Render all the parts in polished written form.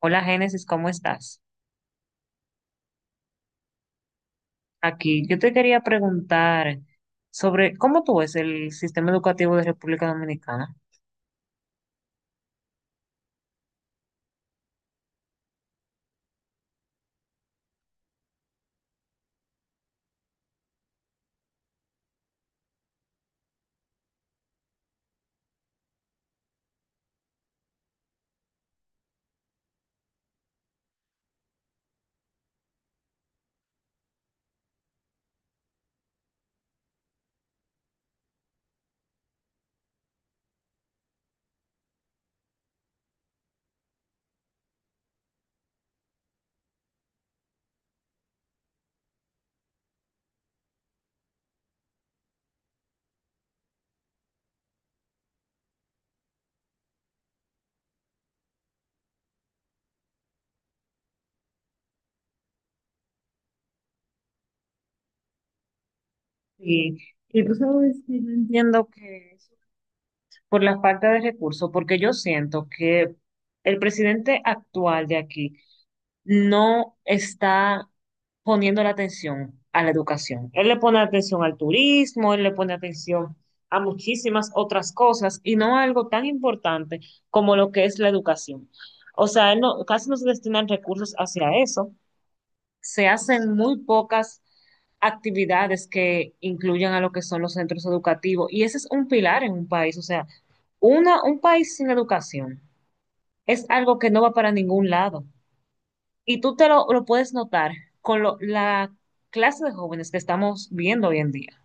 Hola Génesis, ¿cómo estás? Aquí yo te quería preguntar sobre cómo tú ves el sistema educativo de República Dominicana. Y, y tú sabes que yo entiendo que eso por la falta de recursos, porque yo siento que el presidente actual de aquí no está poniendo la atención a la educación. Él le pone atención al turismo, él le pone atención a muchísimas otras cosas y no a algo tan importante como lo que es la educación. O sea, él no, casi no se destinan recursos hacia eso. Se hacen muy pocas actividades que incluyan a lo que son los centros educativos. Y ese es un pilar en un país. O sea, un país sin educación es algo que no va para ningún lado. Y tú te lo puedes notar con la clase de jóvenes que estamos viendo hoy en día.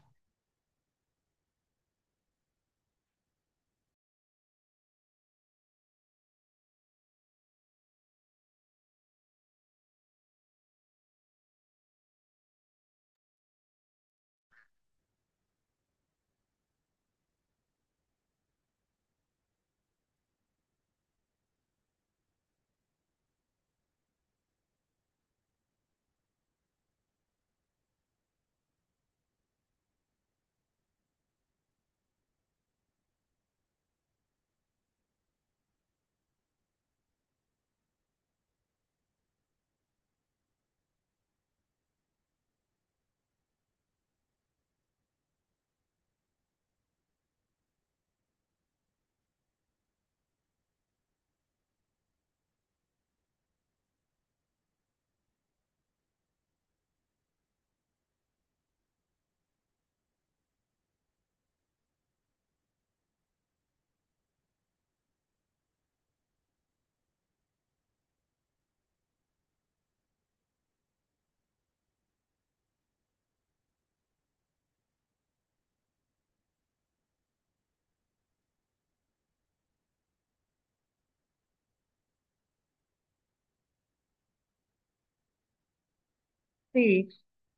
Sí,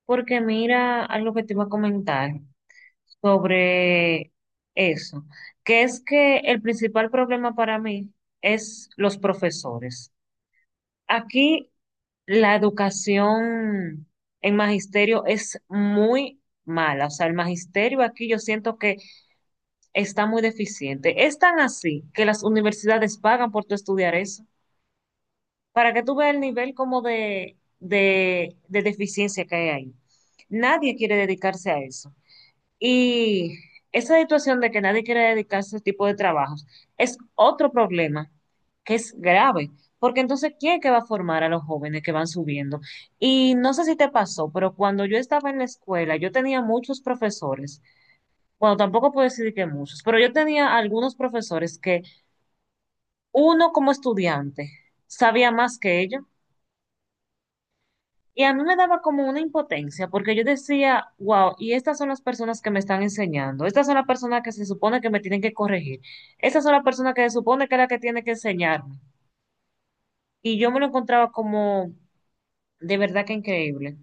porque mira algo que te iba a comentar sobre eso, que es que el principal problema para mí es los profesores. Aquí la educación en magisterio es muy mala. O sea, el magisterio aquí yo siento que está muy deficiente. Es tan así que las universidades pagan por tu estudiar eso, para que tú veas el nivel como de, de deficiencia que hay ahí. Nadie quiere dedicarse a eso. Y esa situación de que nadie quiere dedicarse a ese tipo de trabajos es otro problema que es grave, porque entonces, ¿quién es que va a formar a los jóvenes que van subiendo? Y no sé si te pasó, pero cuando yo estaba en la escuela, yo tenía muchos profesores, bueno, tampoco puedo decir que muchos, pero yo tenía algunos profesores que uno como estudiante sabía más que ellos. Y a mí me daba como una impotencia, porque yo decía, wow, y estas son las personas que me están enseñando, estas son las personas que se supone que me tienen que corregir, estas son las personas que se supone que es la que tiene que enseñarme. Y yo me lo encontraba como de verdad que increíble.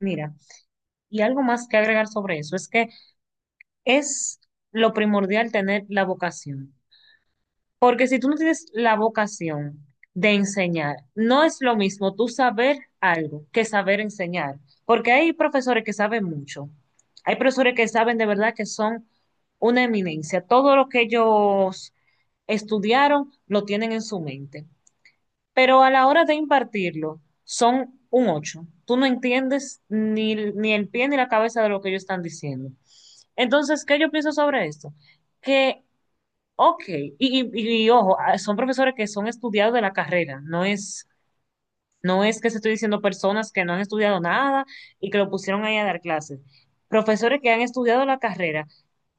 Mira, y algo más que agregar sobre eso es que es lo primordial tener la vocación. Porque si tú no tienes la vocación de enseñar, no es lo mismo tú saber algo que saber enseñar. Porque hay profesores que saben mucho. Hay profesores que saben de verdad que son una eminencia. Todo lo que ellos estudiaron lo tienen en su mente. Pero a la hora de impartirlo, son un ocho. Tú no entiendes ni el pie ni la cabeza de lo que ellos están diciendo. Entonces, ¿qué yo pienso sobre esto? Que Ok, ojo, son profesores que son estudiados de la carrera, no es que se estoy diciendo personas que no han estudiado nada y que lo pusieron ahí a dar clases. Profesores que han estudiado la carrera,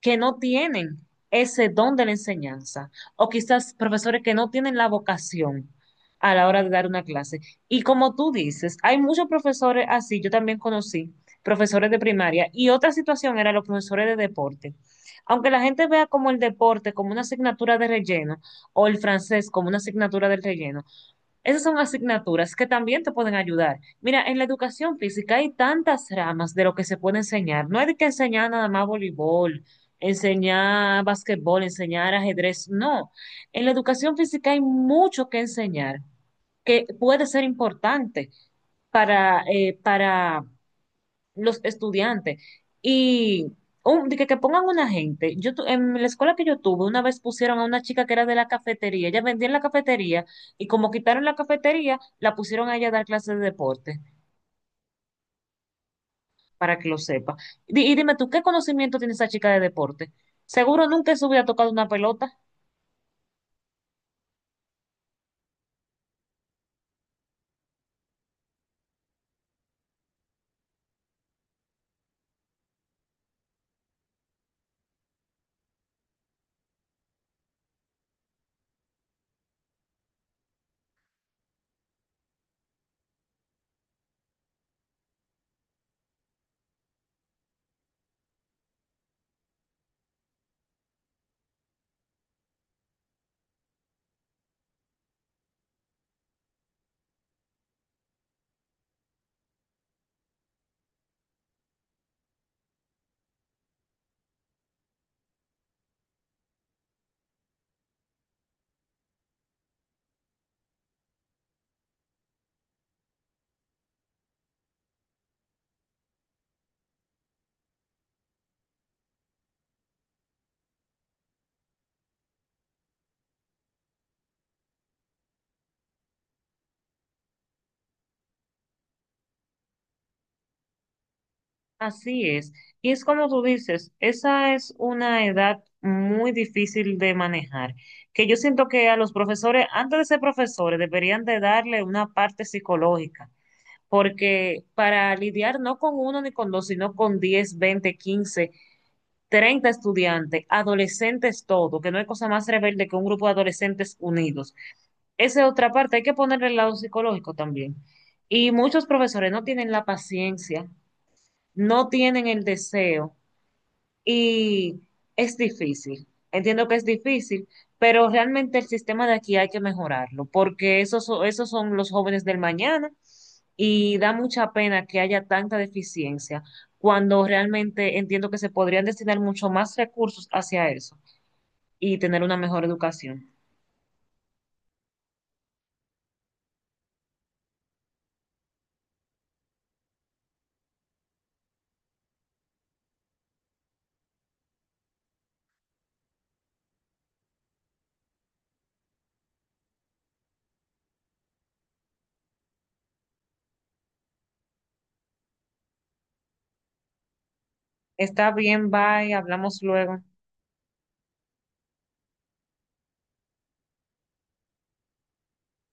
que no tienen ese don de la enseñanza. O quizás profesores que no tienen la vocación a la hora de dar una clase. Y como tú dices, hay muchos profesores así, yo también conocí profesores de primaria. Y otra situación eran los profesores de deporte. Aunque la gente vea como el deporte como una asignatura de relleno o el francés como una asignatura del relleno, esas son asignaturas que también te pueden ayudar. Mira, en la educación física hay tantas ramas de lo que se puede enseñar. No hay que enseñar nada más voleibol, enseñar basquetbol, enseñar ajedrez. No, en la educación física hay mucho que enseñar que puede ser importante para los estudiantes. Y de que pongan una gente. En la escuela que yo tuve, una vez pusieron a una chica que era de la cafetería. Ella vendía en la cafetería y como quitaron la cafetería, la pusieron a ella a dar clases de deporte, para que lo sepa. Y, dime tú, ¿qué conocimiento tiene esa chica de deporte? Seguro nunca en su vida ha tocado una pelota. Así es. Y es como tú dices, esa es una edad muy difícil de manejar, que yo siento que a los profesores, antes de ser profesores, deberían de darle una parte psicológica, porque para lidiar no con uno ni con dos, sino con 10 20 15 30 estudiantes, adolescentes todo, que no hay cosa más rebelde que un grupo de adolescentes unidos. Esa es otra parte, hay que ponerle el lado psicológico también. Y muchos profesores no tienen la paciencia, no tienen el deseo y es difícil, entiendo que es difícil, pero realmente el sistema de aquí hay que mejorarlo, porque esos, esos son los jóvenes del mañana y da mucha pena que haya tanta deficiencia, cuando realmente entiendo que se podrían destinar mucho más recursos hacia eso y tener una mejor educación. Está bien, bye, hablamos luego.